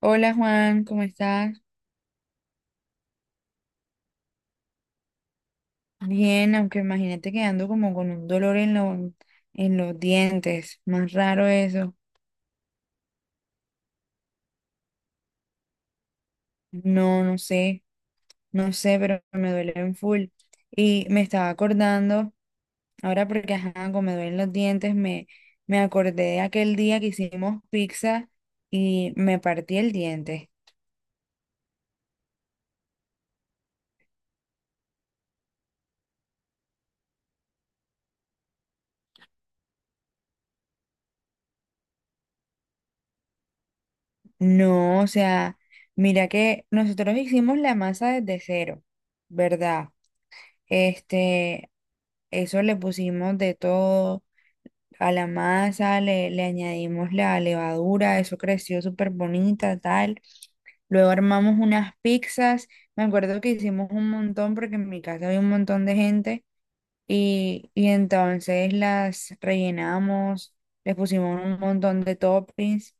Hola Juan, ¿cómo estás? Bien, aunque imagínate que ando como con un dolor en los dientes. Más raro eso. No, no sé, no sé, pero me duele en full. Y me estaba acordando, ahora porque ajá, como me duelen los dientes, me acordé de aquel día que hicimos pizza y me partí el diente. No, o sea, mira que nosotros hicimos la masa desde cero, ¿verdad? Este, Eso le pusimos de todo a la masa, le añadimos la levadura, eso creció súper bonita, tal. Luego armamos unas pizzas. Me acuerdo que hicimos un montón porque en mi casa había un montón de gente y entonces las rellenamos, les pusimos un montón de toppings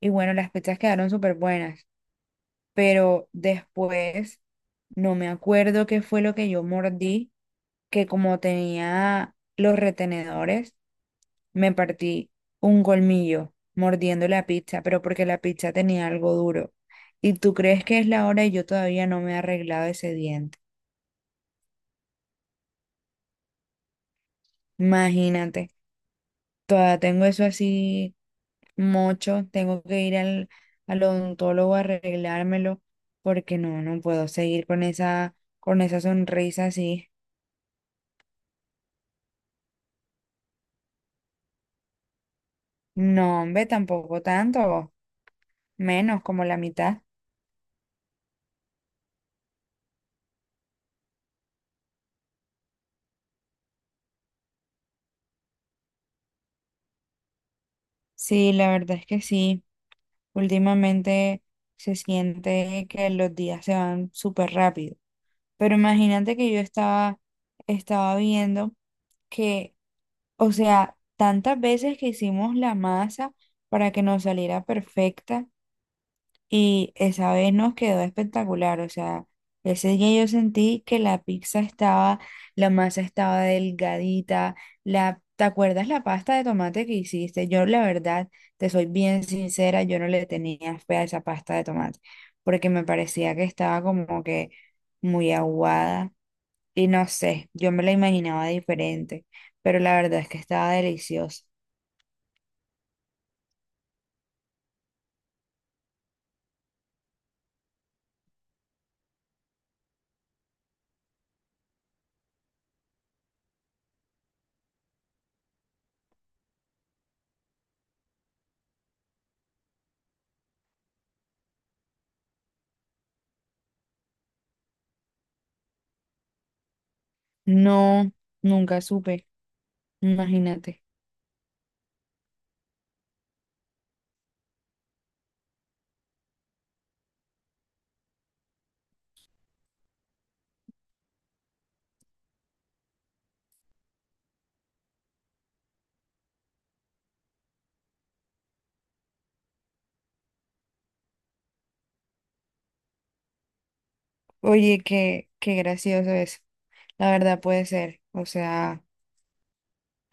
y bueno, las pizzas quedaron súper buenas. Pero después no me acuerdo qué fue lo que yo mordí, que como tenía los retenedores me partí un colmillo mordiendo la pizza, pero porque la pizza tenía algo duro. Y tú crees que es la hora y yo todavía no me he arreglado ese diente. Imagínate, todavía tengo eso así mocho, tengo que ir al odontólogo a arreglármelo porque no puedo seguir con esa sonrisa así. No, hombre, tampoco tanto, menos como la mitad. Sí, la verdad es que sí. Últimamente se siente que los días se van súper rápido. Pero imagínate que yo estaba viendo que, o sea, tantas veces que hicimos la masa para que nos saliera perfecta. Y esa vez nos quedó espectacular, o sea, ese día yo sentí que la pizza estaba, la masa estaba delgadita, ¿te acuerdas la pasta de tomate que hiciste? Yo la verdad, te soy bien sincera, yo no le tenía fe a esa pasta de tomate, porque me parecía que estaba como que muy aguada y no sé, yo me la imaginaba diferente, pero la verdad es que estaba deliciosa. No, nunca supe, imagínate. Oye, qué gracioso es. La verdad puede ser. O sea,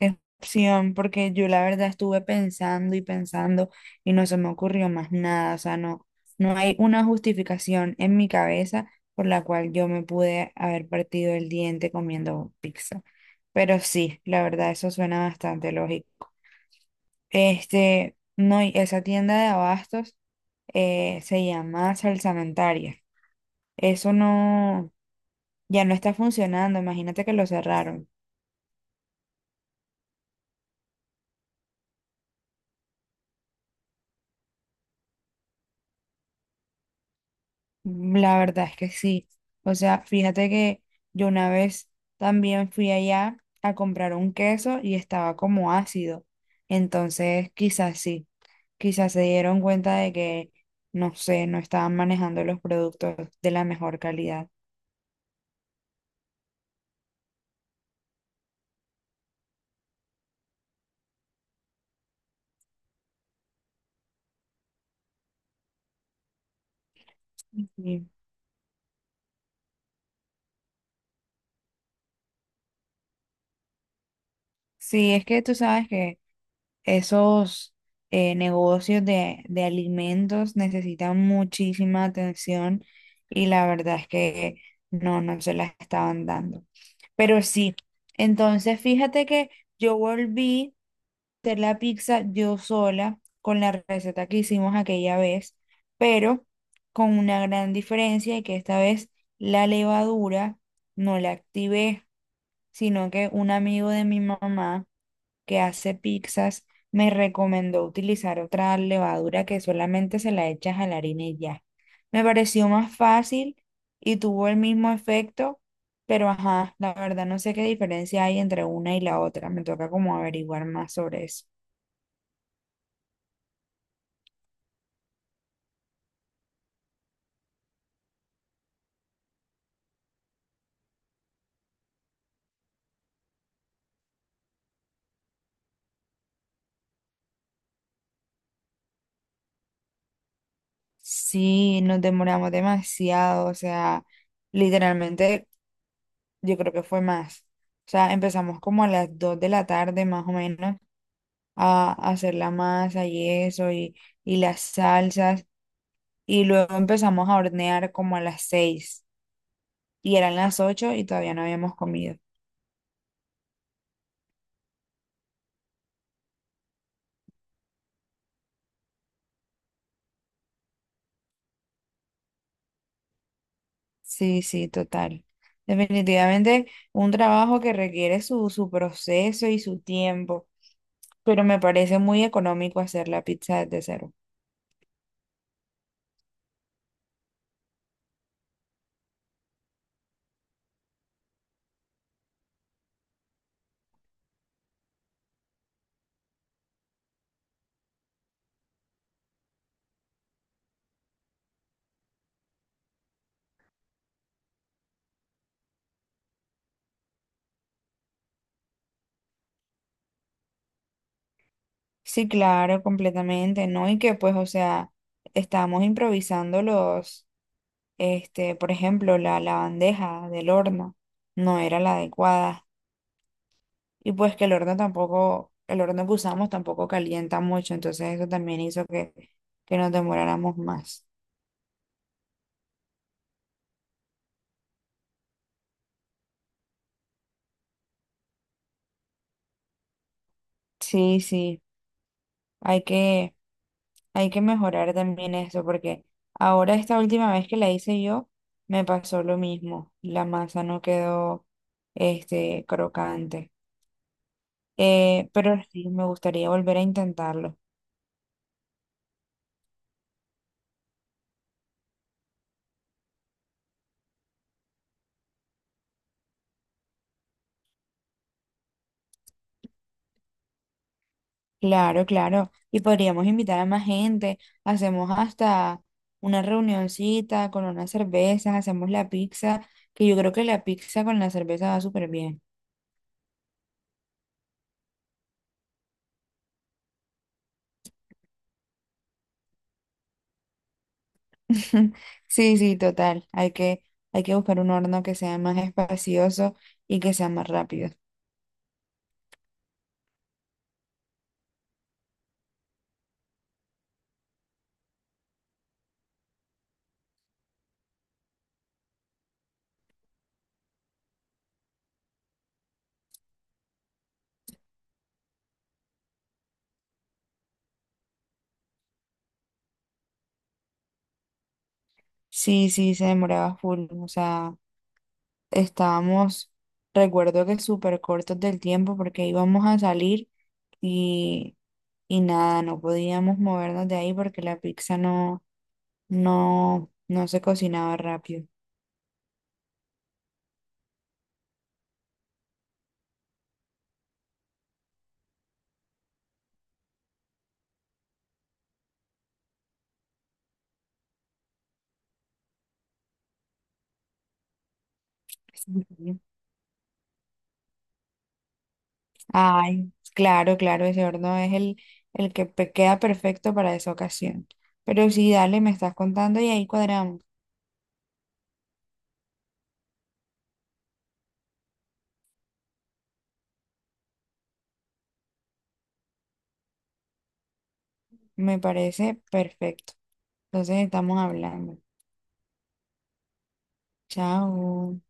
es opción porque yo la verdad estuve pensando y pensando y no se me ocurrió más nada. O sea, no, no hay una justificación en mi cabeza por la cual yo me pude haber partido el diente comiendo pizza. Pero sí, la verdad, eso suena bastante lógico. No, y esa tienda de abastos se llama Salsamentaria. Eso no. Ya no está funcionando, imagínate que lo cerraron. Mm, la verdad es que sí. O sea, fíjate que yo una vez también fui allá a comprar un queso y estaba como ácido. Entonces, quizás sí, quizás se dieron cuenta de que, no sé, no estaban manejando los productos de la mejor calidad. Sí. Sí, es que tú sabes que... Esos negocios de alimentos necesitan muchísima atención y la verdad es que no se la estaban dando. Pero sí, entonces fíjate que yo volví a hacer la pizza yo sola con la receta que hicimos aquella vez, pero con una gran diferencia y que esta vez la levadura no la activé, sino que un amigo de mi mamá que hace pizzas me recomendó utilizar otra levadura que solamente se la echas a la harina y ya. Me pareció más fácil y tuvo el mismo efecto, pero ajá, la verdad no sé qué diferencia hay entre una y la otra. Me toca como averiguar más sobre eso. Sí, nos demoramos demasiado, o sea, literalmente yo creo que fue más. O sea, empezamos como a las 2 de la tarde más o menos a hacer la masa y eso y las salsas. Y luego empezamos a hornear como a las 6. Y eran las 8 y todavía no habíamos comido. Sí, sí, total. Definitivamente un trabajo que requiere su proceso y su tiempo. Pero me parece muy económico hacer la pizza desde cero. Sí, claro, completamente, ¿no? Y que pues, o sea, estábamos improvisando por ejemplo, la bandeja del horno no era la adecuada. Y pues que el horno tampoco, el horno que usamos tampoco calienta mucho, entonces eso también hizo que nos demoráramos más. Sí, sí, hay que, hay que mejorar también eso, porque ahora esta última vez que la hice yo, me pasó lo mismo. La masa no quedó, crocante. Pero sí, me gustaría volver a intentarlo. Claro, claro. Y podríamos invitar a más gente. Hacemos hasta una reunioncita con unas cervezas, hacemos la pizza, que yo creo que la pizza con la cerveza va súper bien. Sí, sí, total. Hay que buscar un horno que sea más espacioso y que sea más rápido. Sí, sí, se demoraba full. O sea, estábamos, recuerdo que súper cortos del tiempo porque íbamos a salir y, y nada, no podíamos movernos de ahí porque la pizza no se cocinaba rápido. Ujú. Ay, claro, claro, ese horno es el que queda perfecto para esa ocasión. Pero sí, dale, me estás contando y ahí cuadramos. Me parece perfecto. Entonces estamos hablando. Chao.